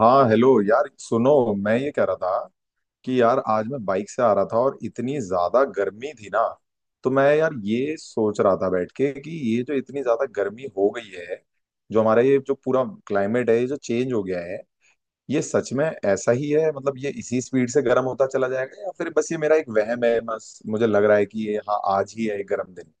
हाँ हेलो यार सुनो। मैं ये कह रहा था कि यार आज मैं बाइक से आ रहा था और इतनी ज्यादा गर्मी थी ना। तो मैं यार ये सोच रहा था बैठ के कि ये जो इतनी ज्यादा गर्मी हो गई है, जो हमारा ये जो पूरा क्लाइमेट है ये जो चेंज हो गया है, ये सच में ऐसा ही है मतलब ये इसी स्पीड से गर्म होता चला जाएगा या फिर बस ये मेरा एक वहम है, बस मुझे लग रहा है कि ये हाँ आज ही है एक गर्म दिन।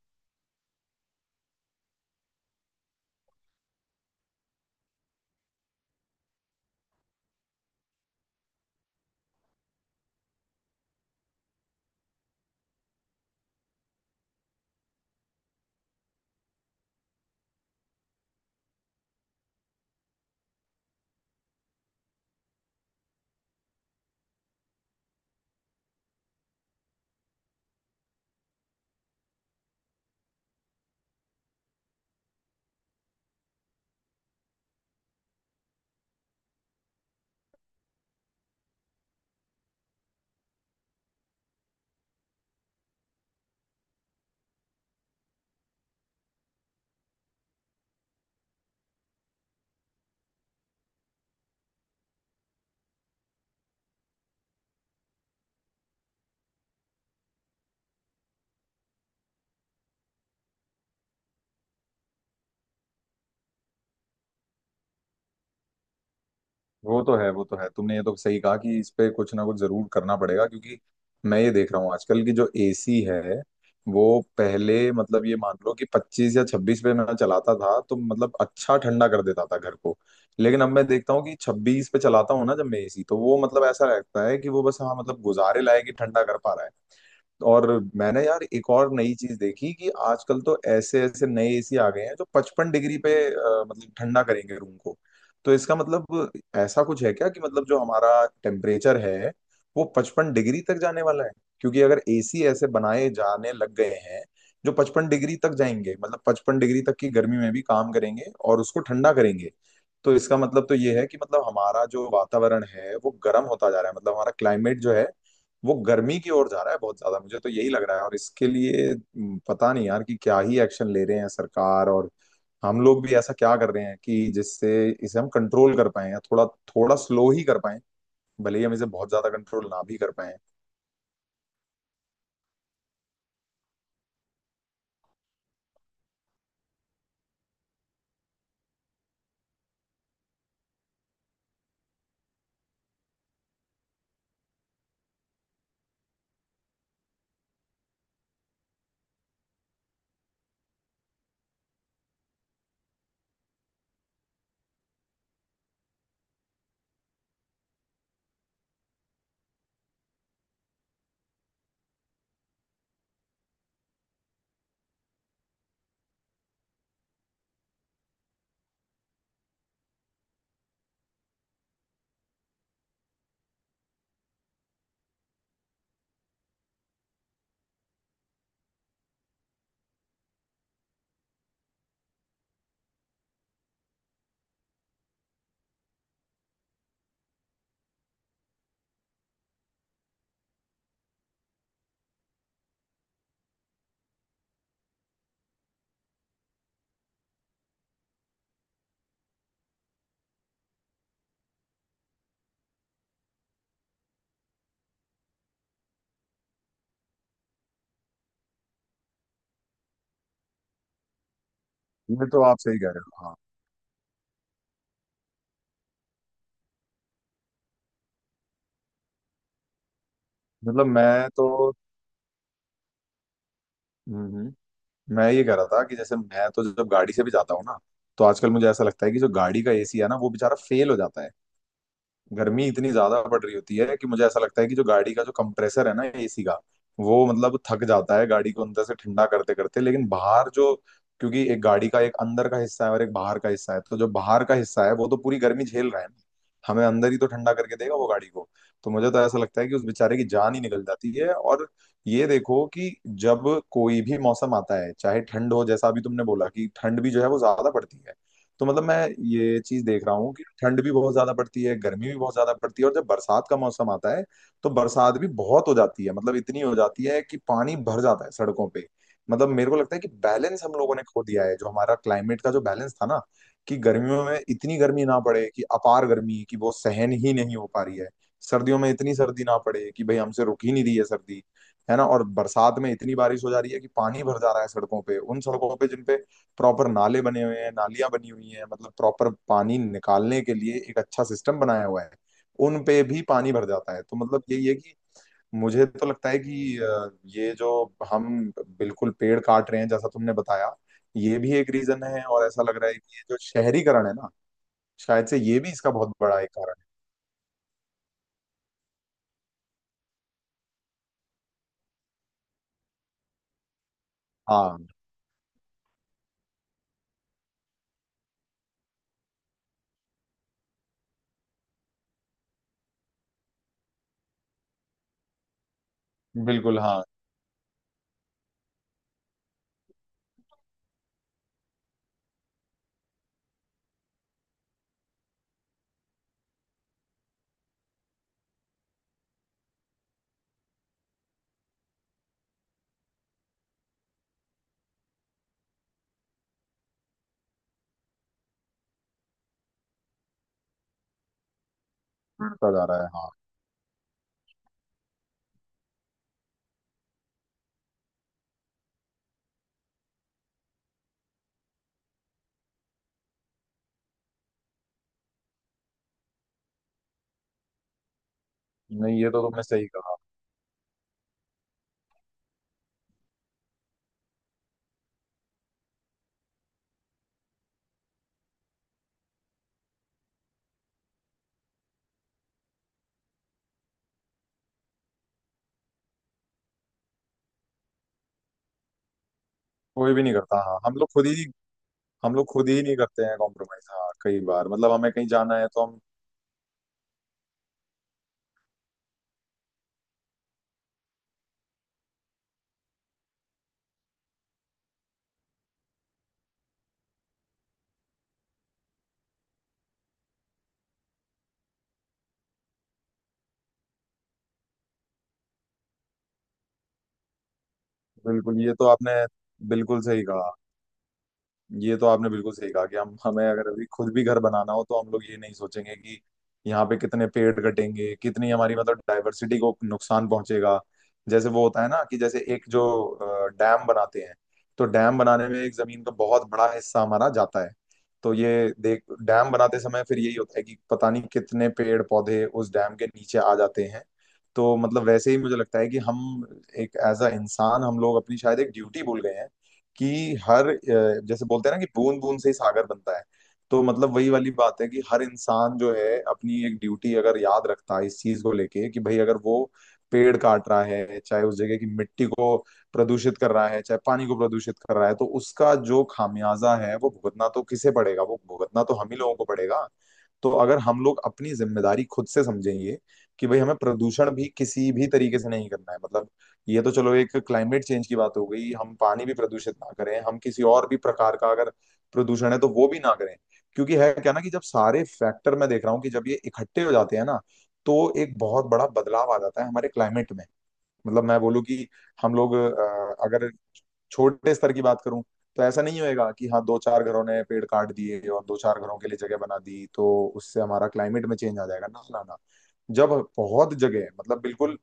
वो तो है वो तो है, तुमने ये तो सही कहा कि इस पे कुछ ना कुछ जरूर करना पड़ेगा, क्योंकि मैं ये देख रहा हूँ आजकल की जो एसी है, वो पहले मतलब ये मान लो कि पच्चीस या छब्बीस पे मैं चलाता था तो मतलब अच्छा ठंडा कर देता था घर को। लेकिन अब मैं देखता हूँ कि छब्बीस पे चलाता हूँ ना जब मैं एसी, तो वो मतलब ऐसा लगता है कि वो बस हाँ मतलब गुजारे लायक ही ठंडा कर पा रहा है। और मैंने यार एक और नई चीज देखी कि आजकल तो ऐसे ऐसे नए एसी आ गए हैं जो पचपन डिग्री पे मतलब ठंडा करेंगे रूम को। तो इसका मतलब ऐसा कुछ है क्या कि मतलब जो हमारा टेम्परेचर है वो पचपन डिग्री तक जाने वाला है। क्योंकि अगर एसी ऐसे बनाए जाने लग गए हैं जो पचपन डिग्री तक जाएंगे मतलब पचपन डिग्री तक की गर्मी में भी काम करेंगे और उसको ठंडा करेंगे, तो इसका मतलब तो ये है कि मतलब हमारा जो वातावरण है वो गर्म होता जा रहा है, मतलब हमारा क्लाइमेट जो है वो गर्मी की ओर जा रहा है बहुत ज्यादा। मुझे तो यही लग रहा है। और इसके लिए पता नहीं यार कि क्या ही एक्शन ले रहे हैं सरकार, और हम लोग भी ऐसा क्या कर रहे हैं कि जिससे इसे हम कंट्रोल कर पाए या थोड़ा थोड़ा स्लो ही कर पाए, भले ही हम इसे बहुत ज्यादा कंट्रोल ना भी कर पाए। ये तो आप सही कह रहे हो, हाँ। मतलब मैं तो, हम्म हम्म, मैं ये कह रहा था कि जैसे मैं तो जब गाड़ी से भी जाता हूँ ना, तो आजकल मुझे ऐसा लगता है कि जो गाड़ी का एसी है ना वो बेचारा फेल हो जाता है। गर्मी इतनी ज्यादा पड़ रही होती है कि मुझे ऐसा लगता है कि जो गाड़ी का जो कंप्रेसर है ना एसी का, वो मतलब थक जाता है गाड़ी को अंदर से ठंडा करते करते। लेकिन बाहर जो, क्योंकि एक गाड़ी का एक अंदर का हिस्सा है और एक बाहर का हिस्सा है, तो जो बाहर का हिस्सा है वो तो पूरी गर्मी झेल रहा है ना। हमें अंदर ही तो ठंडा करके देगा वो गाड़ी को। तो मुझे तो ऐसा लगता है कि उस बेचारे की जान ही निकल जाती है। और ये देखो कि जब कोई भी मौसम आता है, चाहे ठंड हो, जैसा अभी तुमने बोला कि ठंड भी जो है वो ज्यादा पड़ती है। तो मतलब मैं ये चीज देख रहा हूँ कि ठंड भी बहुत ज्यादा पड़ती है, गर्मी भी बहुत ज्यादा पड़ती है, और जब बरसात का मौसम आता है तो बरसात भी बहुत हो जाती है, मतलब इतनी हो जाती है कि पानी भर जाता है सड़कों पे। मतलब मेरे को लगता है कि बैलेंस हम लोगों ने खो दिया है, जो हमारा क्लाइमेट का जो बैलेंस था ना, कि गर्मियों में इतनी गर्मी ना पड़े कि अपार गर्मी कि वो सहन ही नहीं हो पा रही है, सर्दियों में इतनी सर्दी ना पड़े कि भाई हमसे रुक ही नहीं रही है सर्दी, है ना, और बरसात में इतनी बारिश हो जा रही है कि पानी भर जा रहा है सड़कों पे, उन सड़कों पे जिन पे प्रॉपर नाले बने हुए हैं, नालियां बनी हुई हैं, मतलब प्रॉपर पानी निकालने के लिए एक अच्छा सिस्टम बनाया हुआ है, उन पे भी पानी भर जाता है। तो मतलब यही है कि मुझे तो लगता है कि ये जो हम बिल्कुल पेड़ काट रहे हैं जैसा तुमने बताया, ये भी एक रीजन है, और ऐसा लग रहा है कि ये जो शहरीकरण है ना, शायद से ये भी इसका बहुत बड़ा एक कारण है। हाँ बिल्कुल हाँ। बढ़ता जा रहा है, हाँ। नहीं, ये तो तुमने सही कहा। कोई भी नहीं करता, हाँ। हम लोग खुद ही, हम लोग खुद ही नहीं करते हैं कॉम्प्रोमाइज, हाँ। कई बार मतलब हमें कहीं जाना है तो हम, बिल्कुल। ये तो आपने बिल्कुल सही कहा। ये तो आपने बिल्कुल सही कहा कि हम हमें अगर अभी खुद भी घर बनाना हो तो हम लोग ये नहीं सोचेंगे कि यहाँ पे कितने पेड़ कटेंगे, कितनी हमारी मतलब डाइवर्सिटी को नुकसान पहुंचेगा। जैसे वो होता है ना कि जैसे एक जो डैम बनाते हैं, तो डैम बनाने में एक जमीन का बहुत बड़ा हिस्सा हमारा जाता है। तो ये देख, डैम बनाते समय फिर यही होता है कि पता नहीं कितने पेड़ पौधे उस डैम के नीचे आ जाते हैं। तो मतलब वैसे ही मुझे लगता है कि हम एक एज अ इंसान हम लोग अपनी शायद एक ड्यूटी भूल गए हैं, कि हर जैसे बोलते हैं ना कि बूंद बूंद से ही सागर बनता है। तो मतलब वही वाली बात है कि हर इंसान जो है अपनी एक ड्यूटी अगर याद रखता है इस चीज को लेके, कि भाई अगर वो पेड़ काट रहा है, चाहे उस जगह की मिट्टी को प्रदूषित कर रहा है, चाहे पानी को प्रदूषित कर रहा है, तो उसका जो खामियाजा है वो भुगतना तो किसे पड़ेगा, वो भुगतना तो हम ही लोगों को पड़ेगा। तो अगर हम लोग अपनी जिम्मेदारी खुद से समझें ये, कि भाई हमें प्रदूषण भी किसी भी तरीके से नहीं करना है। मतलब ये तो चलो एक क्लाइमेट चेंज की बात हो गई, हम पानी भी प्रदूषित ना करें, हम किसी और भी प्रकार का अगर प्रदूषण है तो वो भी ना करें। क्योंकि है क्या ना कि जब सारे फैक्टर मैं देख रहा हूँ कि जब ये इकट्ठे हो जाते हैं ना, तो एक बहुत बड़ा बदलाव आ जाता है हमारे क्लाइमेट में। मतलब मैं बोलूँ कि हम लोग अगर छोटे स्तर की बात करूं, तो ऐसा नहीं होएगा कि हाँ दो चार घरों ने पेड़ काट दिए और दो चार घरों के लिए जगह बना दी तो उससे हमारा क्लाइमेट में चेंज आ जाएगा, ना ना ना। जब बहुत जगह है, मतलब बिल्कुल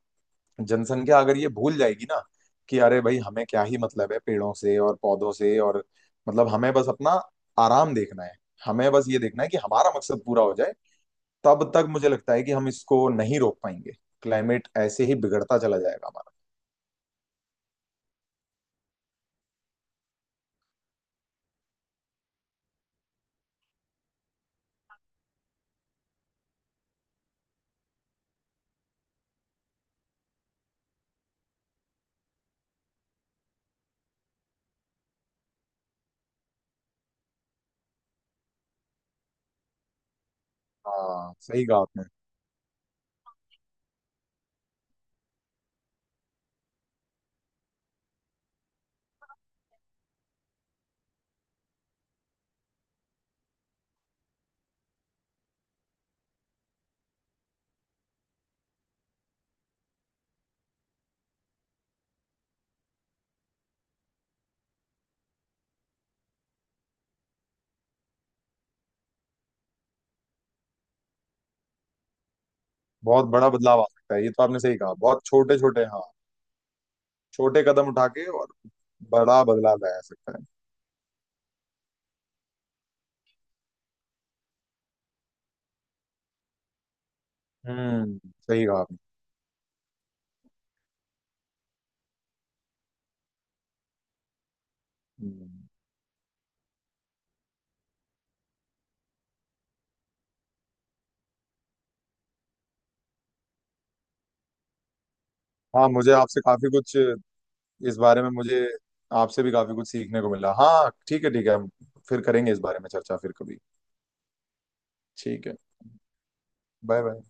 जनसंख्या अगर ये भूल जाएगी ना कि अरे भाई हमें क्या ही मतलब है पेड़ों से और पौधों से, और मतलब हमें बस अपना आराम देखना है, हमें बस ये देखना है कि हमारा मकसद पूरा हो जाए, तब तक मुझे लगता है कि हम इसको नहीं रोक पाएंगे। क्लाइमेट ऐसे ही बिगड़ता चला जाएगा हमारा। हाँ सही कहा आपने। बहुत बड़ा बदलाव आ सकता है, ये तो आपने सही कहा, बहुत छोटे छोटे, हाँ। छोटे कदम उठा के और बड़ा बदलाव लाया जा सकता है। हम्म, सही कहा आपने। हम्म। हाँ मुझे आपसे काफी कुछ, इस बारे में मुझे आपसे भी काफी कुछ सीखने को मिला, हाँ। ठीक है ठीक है, हम फिर करेंगे इस बारे में चर्चा फिर कभी। ठीक है। Bye bye.